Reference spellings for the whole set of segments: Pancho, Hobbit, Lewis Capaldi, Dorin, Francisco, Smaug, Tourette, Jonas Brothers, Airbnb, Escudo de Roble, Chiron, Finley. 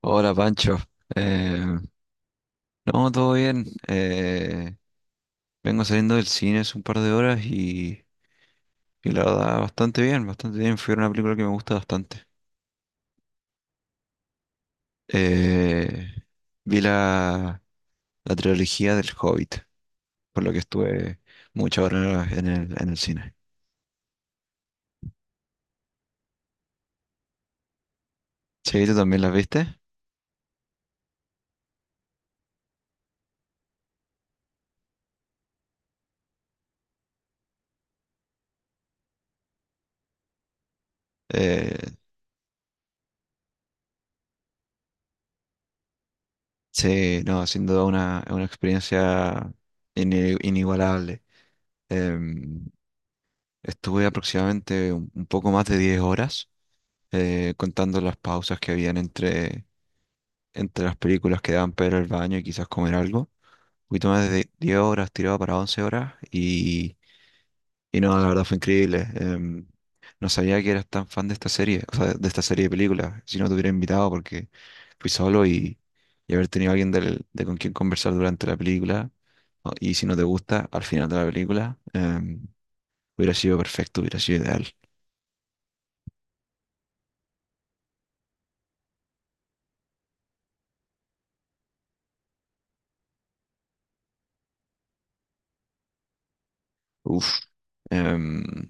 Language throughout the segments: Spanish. Hola Pancho. Eh, no, todo bien. Vengo saliendo del cine hace un par de horas y la verdad bastante bien, bastante bien. Fue una película que me gusta bastante. Eh, Vi la trilogía del Hobbit, por lo que estuve muchas horas en el cine. Sí, ¿tú también las viste? Eh, sí, no, sin duda una experiencia inigualable. Em, Estuve aproximadamente un poco más de 10 horas, contando las pausas que habían entre las películas que daban para ir al baño y quizás comer algo. Un poquito más de 10 horas tirado para 11 horas, y no, la verdad fue increíble. No sabía que eras tan fan de esta serie, o sea, de esta serie de películas. Si no te hubiera invitado porque fui solo, y haber tenido alguien de con quien conversar durante la película. Y si no te gusta, al final de la película, hubiera sido perfecto, hubiera sido ideal. Uf, em,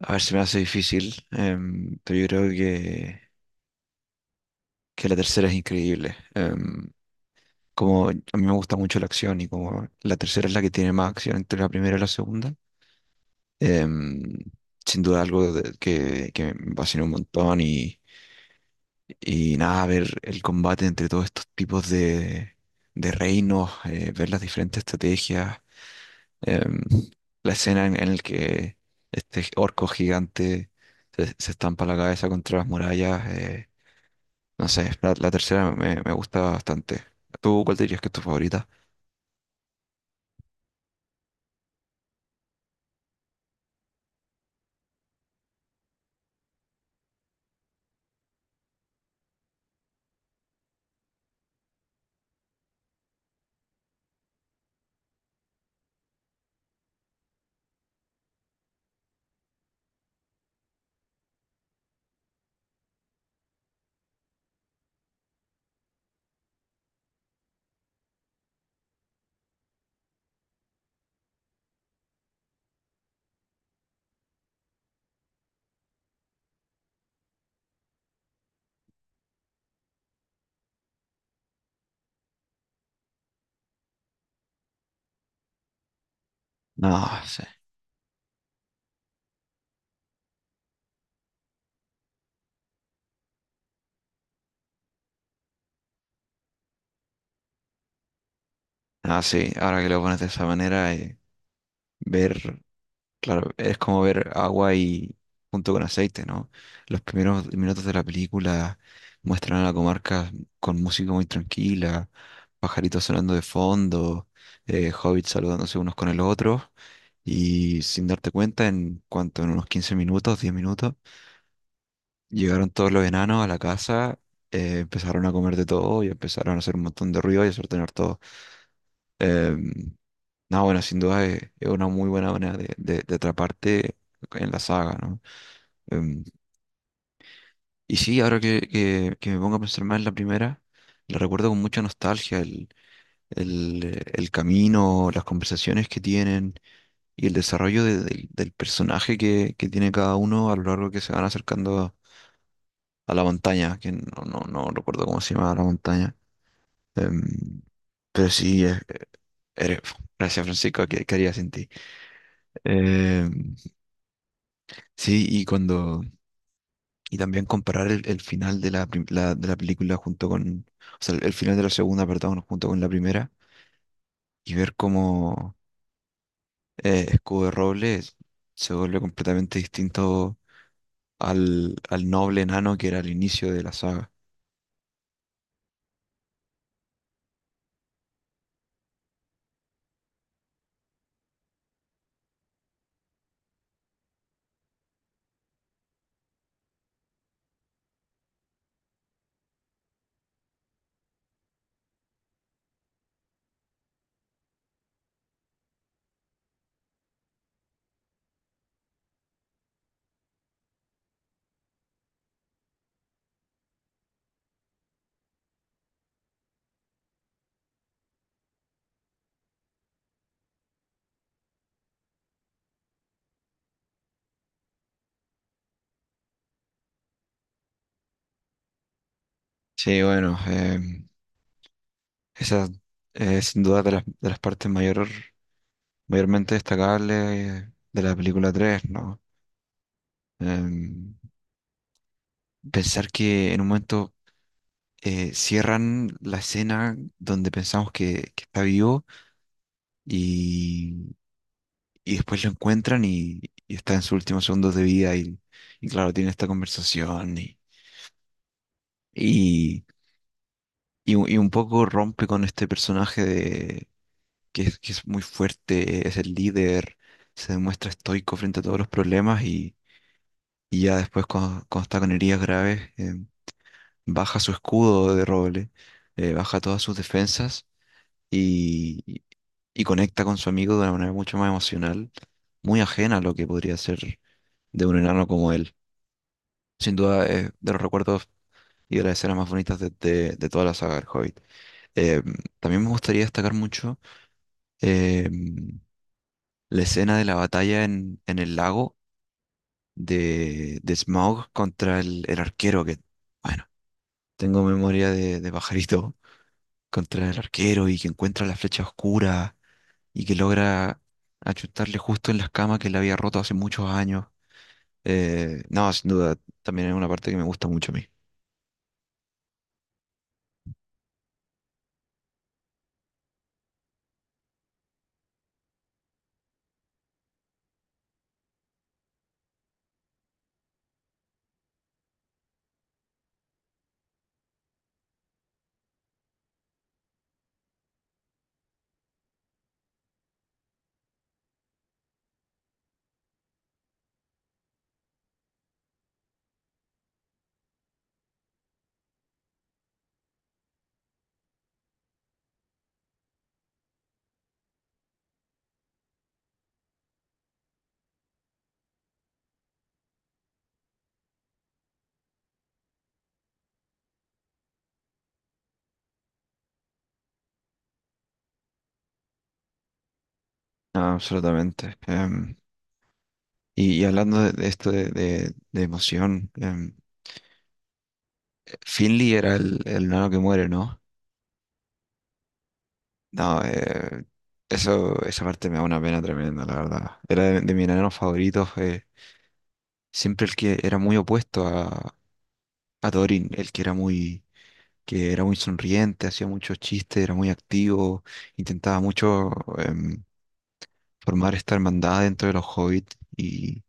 a ver si me hace difícil, pero yo creo que la tercera es increíble. Como a mí me gusta mucho la acción y como la tercera es la que tiene más acción entre la primera y la segunda, em, sin duda algo que me fascinó un montón, y nada, ver el combate entre todos estos tipos de reinos, ver las diferentes estrategias. em, la escena en, la que este orco gigante se estampa la cabeza contra las murallas. No sé, la tercera me gusta bastante. ¿Tú cuál dirías que es tu favorita? No sé. Ah, sí, ahora que lo pones de esa manera, ver claro, es como ver agua y junto con aceite, ¿no? Los primeros minutos de la película muestran a la Comarca con música muy tranquila, pajaritos sonando de fondo, hobbits saludándose unos con el otro, y sin darte cuenta, en cuanto en unos 15 minutos, 10 minutos, llegaron todos los enanos a la casa, empezaron a comer de todo y empezaron a hacer un montón de ruido y a sortear todo. Em, no, bueno, sin duda es una muy buena manera de atraparte en la saga, ¿no? Em, y sí, ahora que me pongo a pensar más en la primera, la recuerdo con mucha nostalgia, el camino, las conversaciones que tienen y el desarrollo del personaje que tiene cada uno a lo largo que se van acercando a la montaña, que no recuerdo cómo se llama la montaña. Em, pero sí, eres- gracias, Francisco, ¿qué haría sin ti? Em, Sí, y también comparar el final de la película junto con, o sea, el final de la segunda, perdón, junto con la primera, y ver cómo, Escudo de Roble se vuelve completamente distinto al noble enano que era al inicio de la saga. Sí, bueno, esa es sin duda de las partes mayormente destacables de la película tres, ¿no? Em, Pensar que en un momento, cierran la escena donde pensamos que está vivo, y, y después lo encuentran, y está en sus últimos segundos de vida, y claro, tiene esta conversación, y, y un poco rompe con este personaje de, que es muy fuerte, es el líder, se demuestra estoico frente a todos los problemas, y ya después cuando, está con heridas graves. Baja su Escudo de Roble, baja todas sus defensas y, y conecta con su amigo de una manera mucho más emocional, muy ajena a lo que podría ser de un enano como él. Sin duda es de los recuerdos y de las escenas más bonitas de toda la saga del Hobbit. Eh, También me gustaría destacar mucho, eh, la escena de la batalla en el lago de Smaug contra el arquero, que, bueno, tengo memoria de pajarito contra el arquero y que encuentra la flecha oscura y que logra achutarle justo en las camas que le había roto hace muchos años. No, sin duda, también es una parte que me gusta mucho a mí. Ah, absolutamente. Y hablando de, esto de emoción. Finley era el nano que muere, ¿no? No, esa parte me da una pena tremenda, la verdad. Era de mis enanos favoritos, siempre el que era muy opuesto a Dorin, el que era muy sonriente, hacía muchos chistes, era muy activo, intentaba mucho, em, formar esta hermandad dentro de los hobbits, y,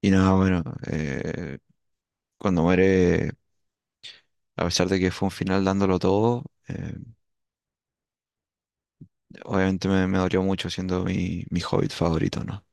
y nada, bueno, eh, cuando muere, a pesar de que fue un final dándolo todo, obviamente me dolió mucho siendo mi hobbit favorito, ¿no?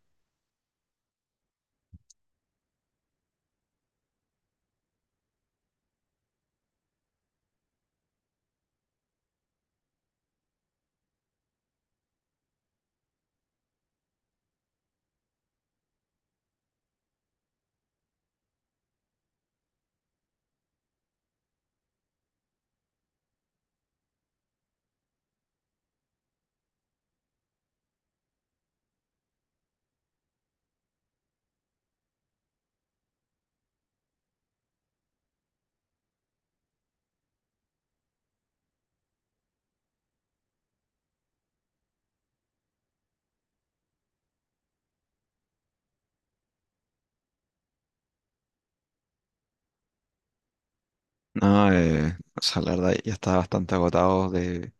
No, o sea, la verdad ya estaba bastante agotado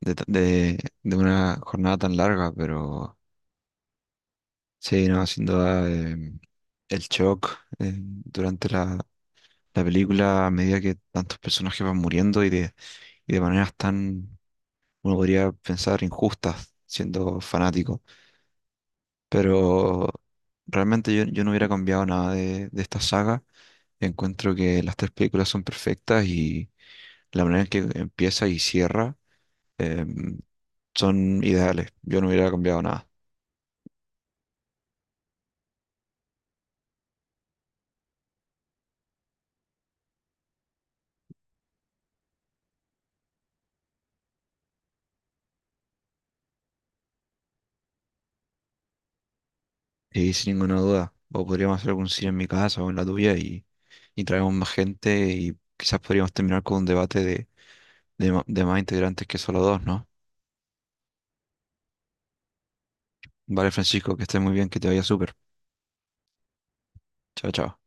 de, ta- de- de una jornada tan larga, pero sí, no, sin duda, el shock, durante la película a medida que tantos personajes van muriendo y de, maneras tan, uno podría pensar, injustas siendo fanático. Pero realmente yo no hubiera cambiado nada de esta saga. Encuentro que las tres películas son perfectas y la manera en que empieza y cierra, em, son ideales. Yo no hubiera cambiado nada. Y sin ninguna duda, o podríamos hacer algún cine en mi casa o en la tuya, y traemos más gente y quizás podríamos terminar con un debate de más integrantes que solo dos, ¿no? Vale, Francisco, que estés muy bien, que te vaya súper. Chao, chao.